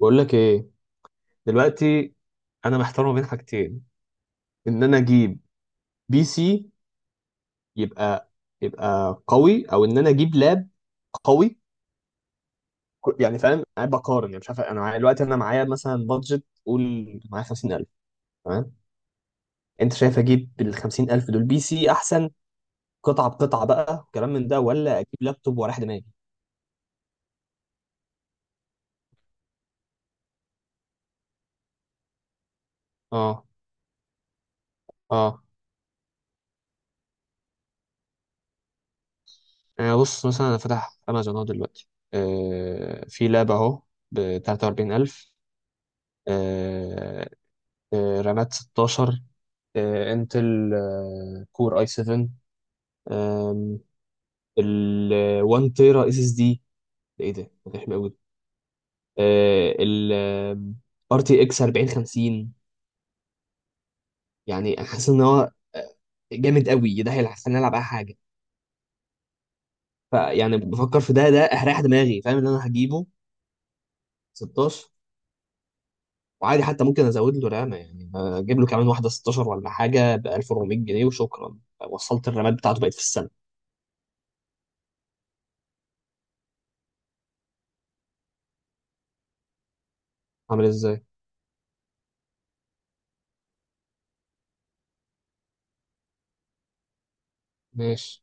بقول لك ايه، دلوقتي انا محتار ما بين حاجتين. ان انا اجيب بي سي يبقى قوي، او ان انا اجيب لاب قوي. يعني فاهم، قاعد بقارن. يعني مش عارف، انا معايا دلوقتي معايا مثلا بادجت، قول معايا 50000. تمام، انت شايف اجيب بال 50000 دول بي سي احسن قطعه بقطعه بقى وكلام من ده، ولا اجيب لابتوب واريح دماغي؟ اه. اه. بص مثلا انا فاتح امازون اهو دلوقتي. في لاب اهو ب 43000. رامات 16، انتل، كور اي 7، آم، ال 1 تيرا اس اس دي. ده ايه ده ده حلو قوي. ال ار تي اكس 4050. يعني حاسس ان هو جامد قوي، ده هيخليني العب اي حاجه. فيعني بفكر في ده، ده هريح دماغي، فاهم ان انا هجيبه. 16. وعادي، حتى ممكن ازود له رامه، يعني اجيب له كمان واحده 16 ولا حاجه ب 1400 جنيه وشكرا، وصلت الرامات بتاعته بقت في السنه. عامل ازاي؟ ماشي.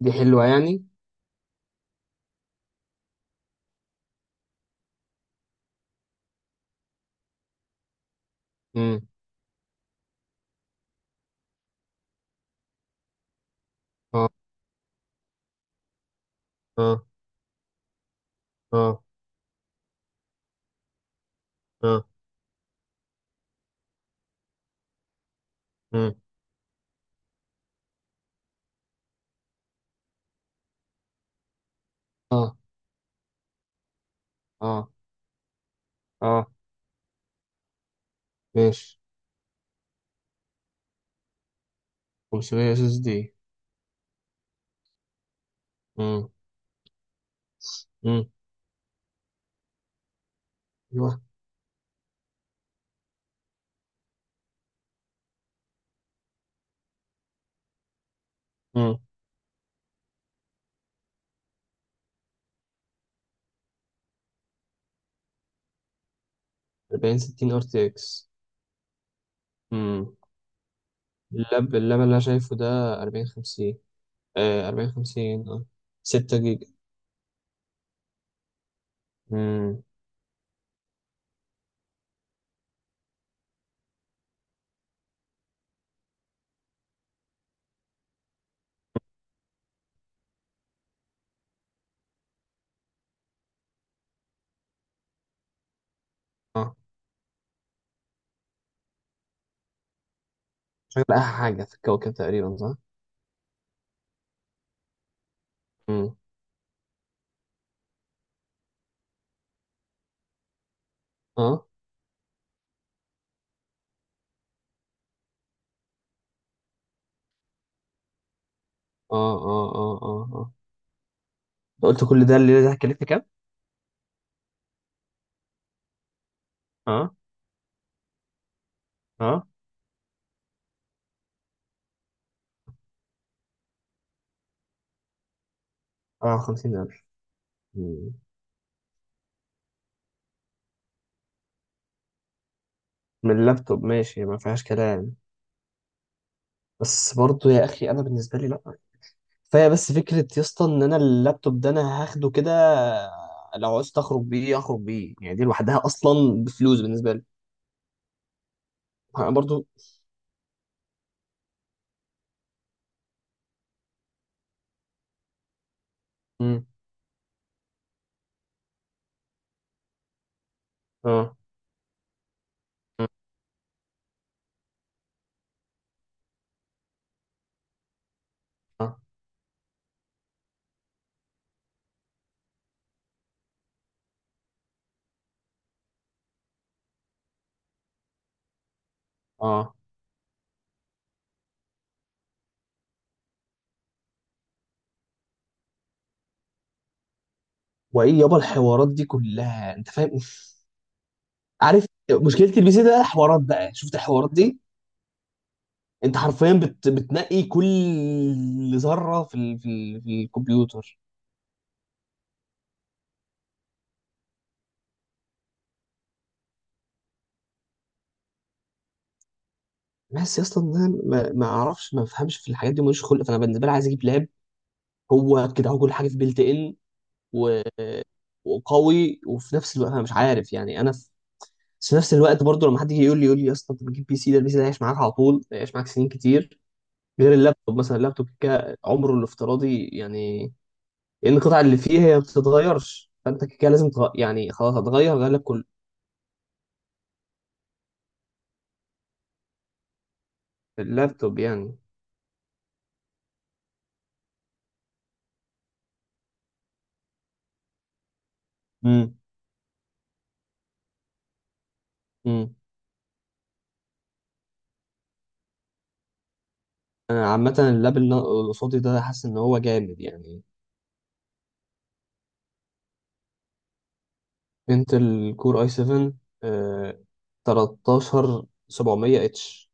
دي حلوه يعني. امم. اه. اه. اه. اه. امم. اه. اه. اه. ماشي. 500 اس اس دي. امم. امم. ايوه. امم. 40 60 ار تي اكس. امم. اللاب اللي انا شايفه ده 40 50. 40 50، اه، 6 جيجا. امم. اه، شغل احلى حاجه في الكوكب تقريبا، صح؟ امم. اه. اه. اه. اه. اه. اه، أنت قلت كل ده اللي ده، هكلفني كام؟ اه. اه. اه. 50000. امم. من اللابتوب، ماشي ما فيهاش كلام. بس برضه يا اخي انا بالنسبه لي لا، كفايه بس فكره يا اسطى ان انا اللابتوب ده هاخده كده. لو عايز اخرج بيه اخرج بيه، يعني دي لوحدها اصلا بفلوس بالنسبه لي. انا برضه. امم. اه. اه. اه. وايه يابا الحوارات دي كلها انت فاهم؟ عارف مشكله البي سي ده؟ حوارات بقى، شفت الحوارات دي؟ انت حرفيا بتنقي كل ذره في الكمبيوتر. بس يا اسطى، إن انا ما اعرفش ما افهمش في الحاجات دي، ماليش خلق، فانا بالنسبه لي عايز اجيب لاب. هو كده، هو كل حاجه في بيلت ان و... وقوي، وفي نفس الوقت انا مش عارف، يعني انا في. بس في نفس الوقت برضو لما حد يجي يقول لي يا اسطى انت بتجيب بي سي ده، البي سي ده هيعيش معاك على طول، هيعيش معاك سنين كتير. غير اللابتوب مثلا، اللابتوب كده عمره الافتراضي يعني، لان القطع اللي فيه هي ما بتتغيرش، فانت كده لازم يعني خلاص هتغير، غير لك كل اللابتوب يعني. امم. امم. انا عامه اللاب اللي قصادي ده حاسس ان هو جامد يعني. انتل كور اي 7، آه 13 700 اتش.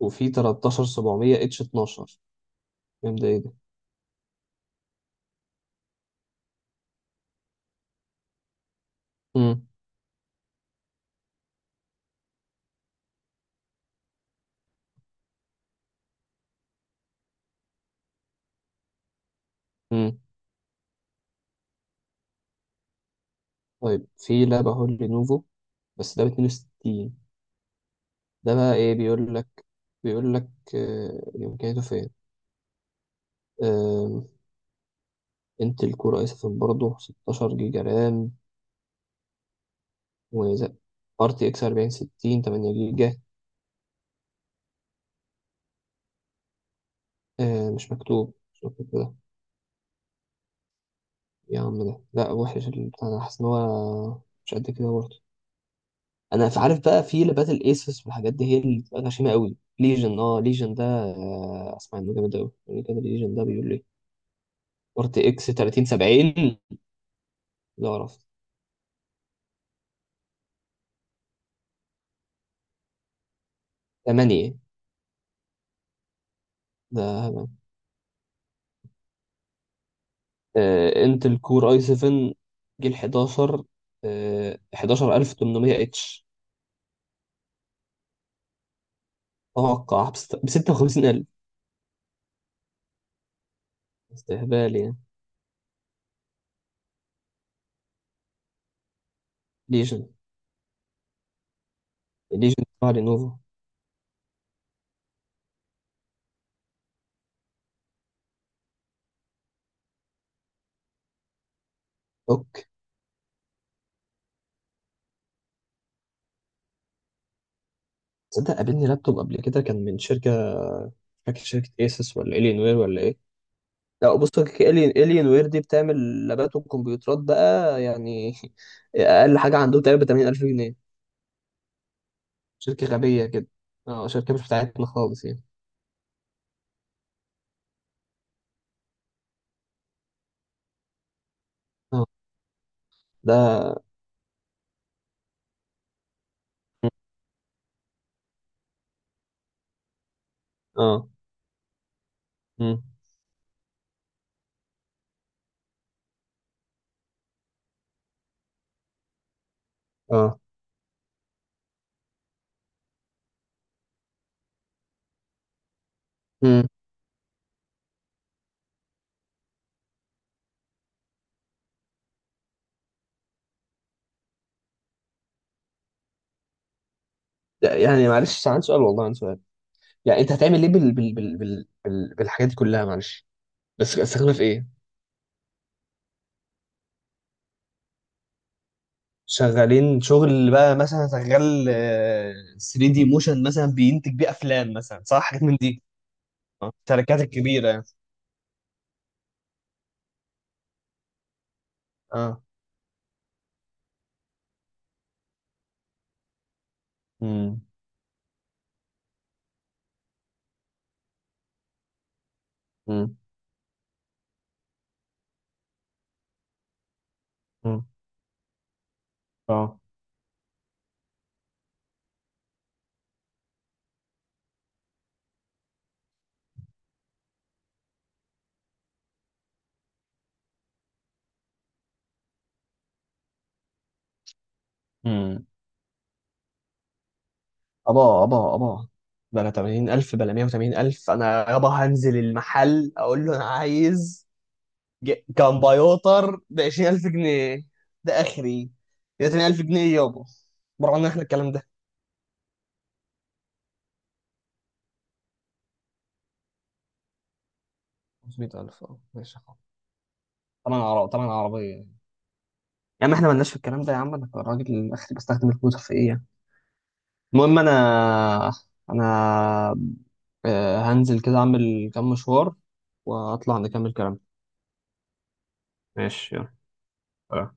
وفي 13 700 اتش 12. كام ده؟ ايه ده؟ امم. امم. طيب في لعبه، هو لينوفو بس ده ب 62. ده بقى ايه؟ بيقول لك، امكانياته فين؟ آه انتل كور اي 7 برضه، 16 جيجا رام وزق، ار تي اكس 40 60، 8 جيجا. مش مكتوب، مش مكتوب كده. يا عم ده لا وحش البتاع ده، حاسس ان هو مش قد كده برضه. عارف بقى في لبات الايسوس والحاجات دي هي اللي بتبقى غشيمه قوي. ليجن، اه ليجن ده اسمع انه جامد قوي يعني كده. ليجن ده بيقول لي ارت اكس 30 70. ده اعرف. 8، ده هبل. انتل كور اي 7، جيل 11. 11800 اتش. اتوقع ب 56000. استهبال يعني. ليجن. ليجن تبع لينوفو. اوك. تصدق قابلني لابتوب قبل كده كان من شركه، مش فاكر شركه، ايسوس ولا الين وير ولا ايه؟ لا بص، الين وير دي بتعمل لابات وكمبيوترات بقى يعني. اقل حاجه عندهم تقريبا ب 80000 جنيه. شركه غبيه كده. اه، شركه مش بتاعتنا خالص يعني. اه. ده. اه. مم. اه. مم. لا، يعني معلش عندي سؤال، والله عندي سؤال. يعني انت هتعمل ايه بالحاجات دي كلها؟ معلش، بس استخدمها في ايه؟ شغالين شغل بقى، مثلا شغال 3 دي موشن مثلا، بينتج بيه افلام مثلا، صح؟ حاجات من دي. اه، الشركات الكبيره يعني. اه. مم. امم. امم. اه. امم. ابا ابا ابا، بلا 80000 بلا 180000. انا يابا هنزل المحل اقول له انا عايز كمبيوتر ب 20000 جنيه. ده اخري، ده 20000 جنيه يابا. بره عنا احنا الكلام ده. 500000؟ اه ماشي خلاص، طبعا عربية، طبعا عربية يعني. يا عم احنا مالناش في الكلام ده، يا عم انا الراجل الاخري بستخدم الكمبيوتر في ايه يعني. المهم، انا هنزل كده اعمل كام مشوار واطلع نكمل كلام. ماشي، يلا. اه.